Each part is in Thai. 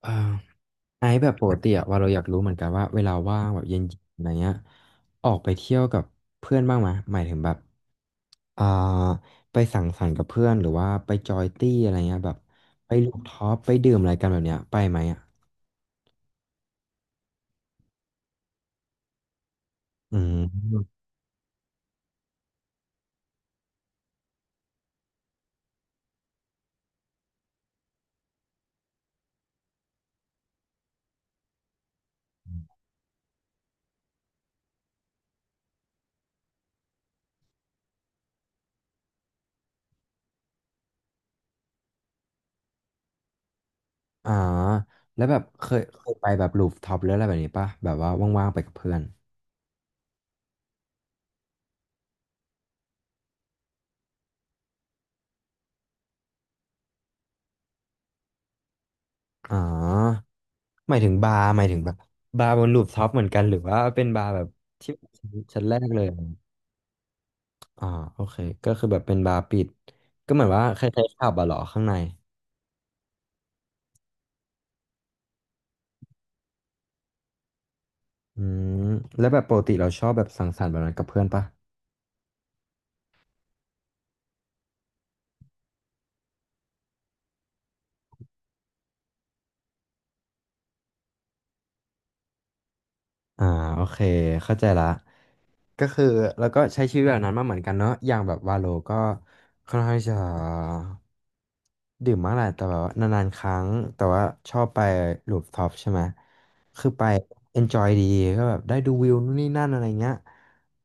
เอ่อไอซ์แบบปกติอะว่าเราอยากรู้เหมือนกันว่าเวลาว่างแบบเย็นๆอะไรเงี้ยออกไปเที่ยวกับเพื่อนบ้างไหมหมายถึงแบบอ่าไปสังสรรค์กับเพื่อนหรือว่าไปจอยตี้อะไรเงี้ยแบบไปลูฟท็อปไปดื่มอะไรกันแบบเนี้ยไปไหมอ่ะอืมอ่าแล้วแบบเคยไปแบบลูฟท็อปหรืออะไรแบบนี้ป่ะแบบว่าว่างๆไปกับเพื่อนอ๋อหมายถึงบาร์หมายถึงแบบบาร์บนลูฟท็อปเหมือนกันหรือว่าเป็นบาร์แบบที่ชั้นแรกเลย อ่าโอเคก็คือแบบเป็นบาร์ปิดก็เหมือนว่าคล้ายๆผับอะเหรอข้างในอืมแล้วแบบปกติเราชอบแบบสังสรรค์แบบนั้นกับเพื่อนปะอ่าโอเคเข้าใจละ ก็คือแล้วก็ใช้ชีวิตแบบนั้นมาเหมือนกันเนอะอย่างแบบวาโลก็ค่อนข้างจะดื่มมากแหละแต่แบบว่านานๆครั้งแต่ว่าชอบไปรูฟท็อปใช่ไหมคือไป enjoy ดีก็แบบได้ดูวิวนู่นนี่นั่นอะไรเงี้ย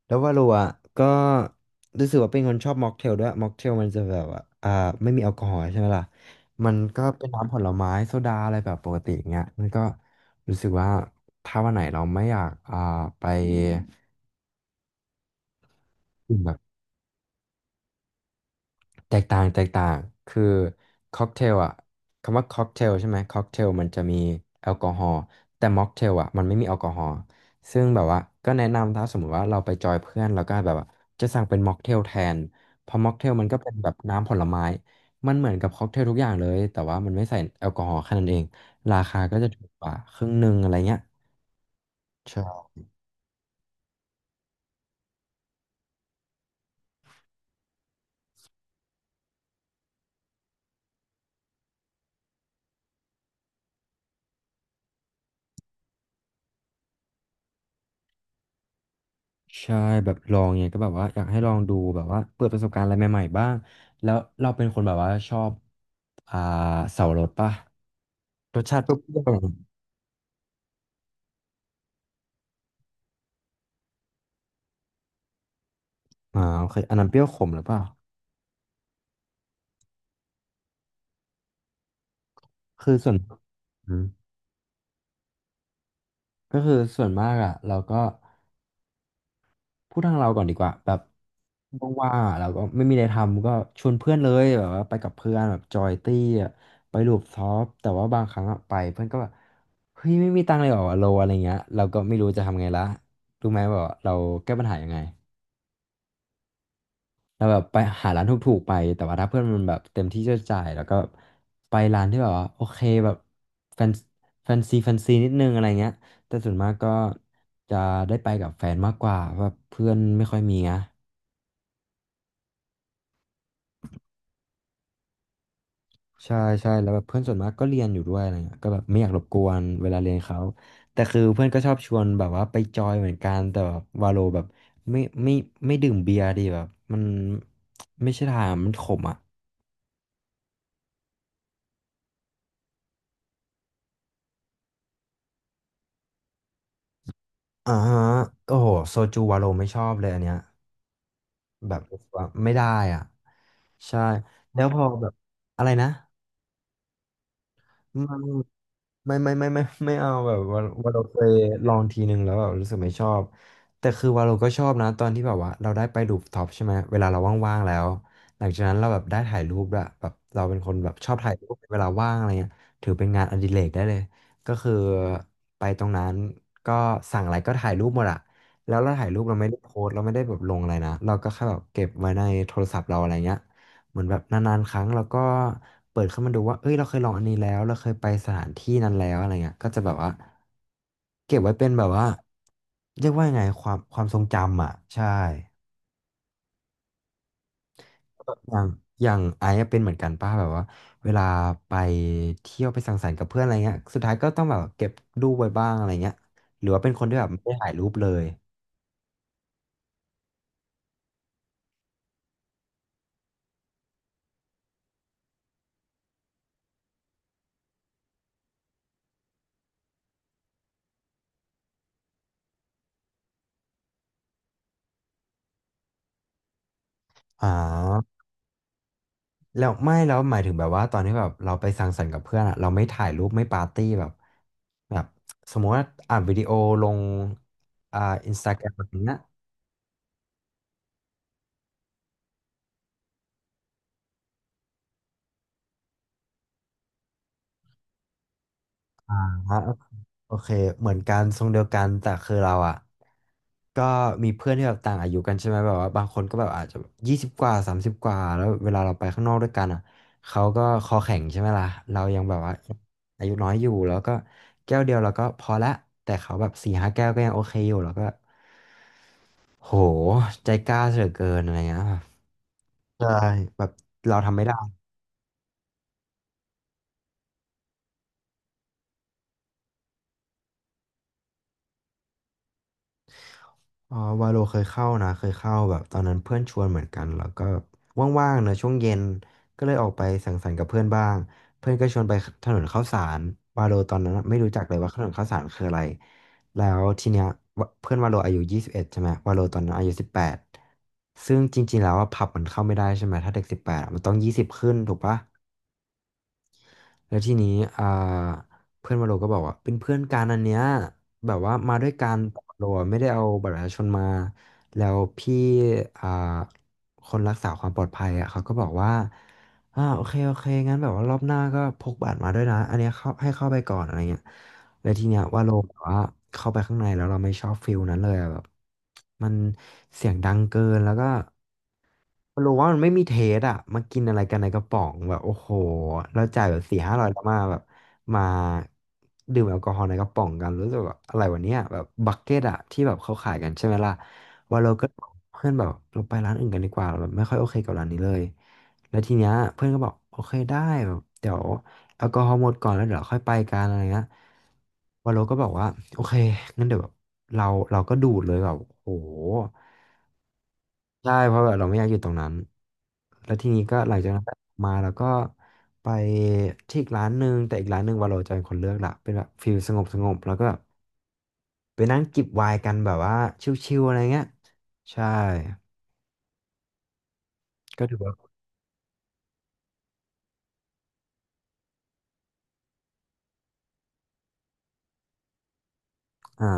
แล้ววาโลอ่ะก็รู้สึกว่าเป็นคนชอบม็อกเทลด้วยม็อกเทลมันจะแบบว่าไม่มีแอลกอฮอล์ใช่ไหมล่ะมันก็เป็นน้ำผลไม้โซดาอะไรแบบปกติอย่างเงี้ยมันก็รู้สึกว่าถ้าวันไหนเราไม่อยากไปดื่มแบบ แตกต่างคือค็อกเทลอ่ะคำว่าค็อกเทลใช่ไหมค็อกเทลมันจะมีแอลกอฮอล์แต่ม็อกเทลอ่ะมันไม่มีแอลกอฮอล์ซึ่งแบบว่าก็แนะนำถ้าสมมติว่าเราไปจอยเพื่อนแล้วก็แบบว่าจะสั่งเป็นม็อกเทลแทนเพราะม็อกเทลมันก็เป็นแบบน้ำผลไม้มันเหมือนกับค็อกเทลทุกอย่างเลยแต่ว่ามันไม่ใส่แอลกอฮอล์แค่นั้นเองราคาก็จะถูกกว่าครึ่งหนึ่งอะไรเงี้ยใช่ใช่แบบลองเนี่ยก็แบบว่าอยากให้ลองดูแบบว่าเปิดประสบการณ์อะไรใหม่ๆบ้างแล้วเราเป็นคนแบบว่าชอบ อ่าเสาวรสป่ะรสชาติเปรี้ยวๆอ่าโอเคอันนั้นเปรี้ยวขมหรือเปล่าคือส่วนอืมก็คือส่วนมากอ่ะเราก็พูดทางเราก่อนดีกว่าแบบว่างๆอะเราก็ไม่มีอะไรทำก็ชวนเพื่อนเลยแบบว่าไปกับเพื่อนแบบจอยตี้อะไปรูปท็อปแต่ว่าบางครั้งอะไปเพื่อนก็แบบเฮ้ยไม่มีตังค์เลยเหรอวะโลอะไรเงี้ยเราก็ไม่รู้จะทำไงละรู้ไหมว่าเราแก้ปัญหายังไง เราแบบไปหาร้านถูกๆไปแต่ว่าถ้าเพื่อนมันแบบเต็มที่จะจ่ายแล้วก็ไปร้านที่แบบว่าโอเคแบบแฟนแฟนซีนิดนึงอะไรเงี้ยแต่ส่วนมากก็จะได้ไปกับแฟนมากกว่าเพราะว่าเพื่อนไม่ค่อยมีนะใช่ใช่แล้วแบบเพื่อนส่วนมากก็เรียนอยู่ด้วยอะไรเงี้ยก็แบบไม่อยากรบกวนเวลาเรียนเขาแต่คือเพื่อนก็ชอบชวนแบบว่าไปจอยเหมือนกันแต่แบบวาโลแบบไม่ไม่ไม่ดื่มเบียร์ดีแบบมันไม่ใช่ทางมันขมอ่ะ อ่าฮะโอ้โหโซจูวาโรไม่ชอบเลยอันเนี้ยแบบว่าไม่ได้อ่ะใช่แล้วพอแบบอะไรนะ ไม่ไม่ไม่เอาแบบว่าว่าเราเคยลองทีนึงแล้วแบบรู้สึกไม่ชอบแต่คือว่าเราก็ชอบนะตอนที่แบบว่าเราได้ไปรูฟท็อปใช่ไหมเวลาเราว่างๆแล้วหลังจากนั้นเราแบบได้ถ่ายรูปด้วยแบบเราเป็นคนแบบชอบถ่ายรูปเวลาว่างอะไรเงี้ยถือเป็นงานอดิเรกได้เลยก็คือไปตรงนั้นก็สั่งอะไรก็ถ่ายรูปหมดอะแล้วเราถ่ายรูปเราไม่ได้โพสต์เราไม่ได้แบบลงอะไรนะเราก็แค่แบบเก็บไว้ในโทรศัพท์เราอะไรเงี้ย เหมือนแบบนานๆครั้งเราก็เปิดเข้ามาดูว่าเอ้ยเราเคยลองอันนี้แล้วเราเคยไปสถานที่นั้นแล้วอะไรเงี้ยก็จะแบบว่าเก็บไว้เป็นแบบว่าเรียกว่ายังไงความทรงจำอ่ะใช่อย่างอย่างไอซ์อะเป็นเหมือนกันป้าแบบว่าเวลาไปเที่ยวไปสังสรรค์กับเพื่อนอะไรเงี้ยสุดท้ายก็ต้องแบบเก็บรูปไว้บ้างอะไรเงี้ยหรือว่าเป็นคนที่แบบไม่ได้ถ่ายรูปเลยอ๋อ แล้วไม่แล้วหมายถึงแบบว่าตอนที่แบบเราไปสังสรรค์กับเพื่อนอะเราไม่ถ่ายรูปไม่ปาร์ตี้แบบแบบสมมติว่าอัดวิดีโอลงอ่าอินสตาแกรมแบบเนี้ยอ่าฮะโอเคเหมือนกันทรงเดียวกันแต่คือเราอะก็มีเพื่อนที่แบบต่างอายุกันใช่ไหมแบบว่าบางคนก็แบบอาจจะ20 กว่า 30 กว่าแล้วเวลาเราไปข้างนอกด้วยกันอะเขาก็คอแข็งใช่ไหมล่ะเรายังแบบว่าอายุน้อยอยู่แล้วก็แก้วเดียวเราก็พอละแต่เขาแบบ4-5 แก้วก็ยังโอเคอยู่แล้วก็ โหใจกล้าเสือเกินอะไรเงี้ยแบบใช่แบบเราทำไม่ได้อ๋อวาโลเคยเข้านะเคยเข้าแบบตอนนั้นเพื่อนชวนเหมือนกันแล้วก็ว่างๆเนอะช่วงเย็นก็เลยออกไปสังสรรค์กับเพื่อนบ้างเพื่อนก็ชวนไปถนนข้าวสารวาโลตอนนั้นไม่รู้จักเลยว่าถนนข้าวสารคืออะไรแล้วทีเนี้ยวะเพื่อนวาโลอายุ21ใช่ไหมวาโลตอนนั้นอายุสิบแปดซึ่งจริงๆแล้วว่าผับมันเข้าไม่ได้ใช่ไหมถ้าเด็กสิบแปดมันต้องยี่สิบขึ้นถูกปะ แล้วทีนี้อ่าเพื่อนวาโลก็บอกว่าเป็นเพื่อนกันอันเนี้ยแบบว่ามาด้วยกันแต่วาโลอะไม่ได้เอาบัตรประชาชนมาแล้วพี่อ่าคนรักษาความปลอดภัยอ่ะเขาก็บอกว่าโอเคโอเคงั้นแบบว่ารอบหน้าก็พกบัตรมาด้วยนะอันเนี้ยเข้าให้เข้าไปก่อนอะไรเงี้ยแล้วทีเนี้ยว่าโลแบบว่าเข้าไปข้างในแล้วเราไม่ชอบฟิลนั้นเลยอะแบบมันเสียงดังเกินแล้วก็ มันรู้ว่ามันไม่มีเทสอ่ะมากินอะไรกันในกระป๋องแบบโอ้โหเราจ่ายแบบ4-500แล้วมาแบบมาดื่มแอลกอฮอล์ในกระป๋องกันรู้สึกแบบอะไรวันเนี้ยแบบบักเก็ตอ่ะที่แบบเขาขายกันใช่ไหมล่ะว่าเราก็บอกเพื่อนแบบเราไปร้านอื่นกันดีกว่าเราแบบไม่ค่อยโอเคกับร้านนี้เลยแล้วทีเนี้ยเพื่อนก็บอกโอเคได้แบบเดี๋ยวแอลกอฮอล์หมดก่อนแล้วเดี๋ยวเราค่อยไปกันอะไรเงี้ยวาโลก็บอกว่าโอเคงั้นเดี๋ยวแบบเราเราก็ดูดเลยแบบโอ้โห ใช่เพราะแบบเราไม่อยากอยู่ตรงนั้นแล้วทีนี้ก็หลังจากนั้นมาแล้วก็ไปที่อีกร้านหนึ่งแต่อีกร้านหนึ่งวาโลจะเป็นคนเลือกละเป็นแบบฟิลสงบสงบแล้วก็แบบไปนั่งจิบไวน์กันแบบว่าชิลๆอะไรเงี้ยใช่ก็ถือว่าอ่า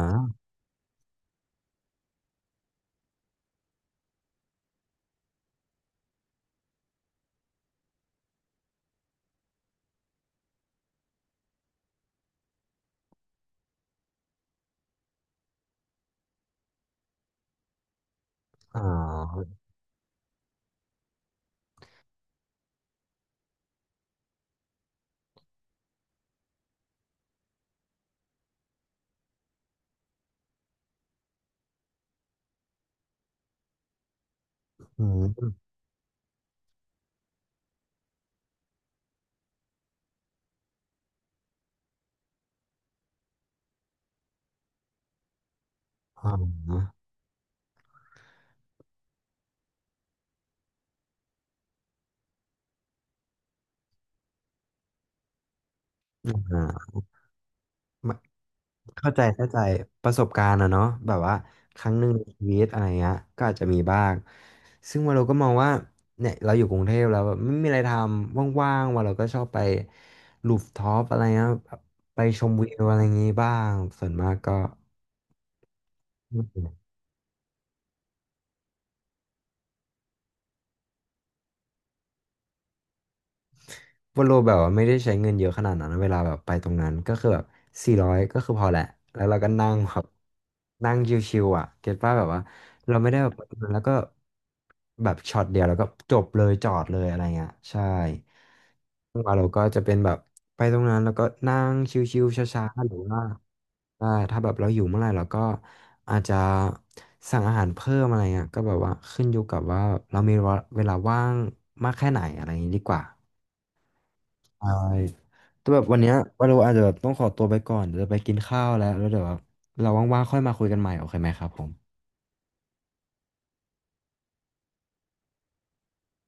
อ่าอืมอ่า มะเข้าใจเข้าใจประสบการณ์อะเนาะแบบว่าครั้งหนึ่งในชีวิตอะไรเงี้ยก็อาจจะมีบ้างซึ่งว่าเราก็มองว่าเนี่ยเราอยู่กรุงเทพแล้วแบบไม่มีอะไรทำว่างๆว่าเราก็ชอบไปลูฟท็อปอะไรเงี้ยไปชมวิวอะไรอย่างงี้บ้างส่วนมากก็ วอลโลแบบว่าไม่ได้ใช้เงินเยอะขนาดนั้นนะเวลาแบบไปตรงนั้นก็คือแบบ400ก็คือพอแหละแล้วเราก็นั่งแบบนั่งชิวๆอ่ะเก็ตป่ะแบบว่าเราไม่ได้แบบไปตรงนั้นแล้วก็แบบช็อตเดียวแล้วก็จบเลยจอดเลยอะไรเงี้ยใช่ไปตรงนั้นแล้วก็นั่งชิวๆช้าๆหรือว่าใช่ถ้าแบบเราอยู่เมื่อไหร่เราก็อาจจะสั่งอาหารเพิ่มอะไรเงี้ยก็แบบว่าขึ้นอยู่กับว่าเรามีเวลาว่างมากแค่ไหนอะไรอย่างนี้ดีกว่า ใช่แต่แบบวันเนี้ยวันเราอาจจะแบบต้องขอตัวไปก่อน เดี๋ยวจะไปกินข้าวแล้วแล้วเดี๋ยวแบบเราว่างๆค่อยมาคุยกันใหม่โอเคไหมครับผม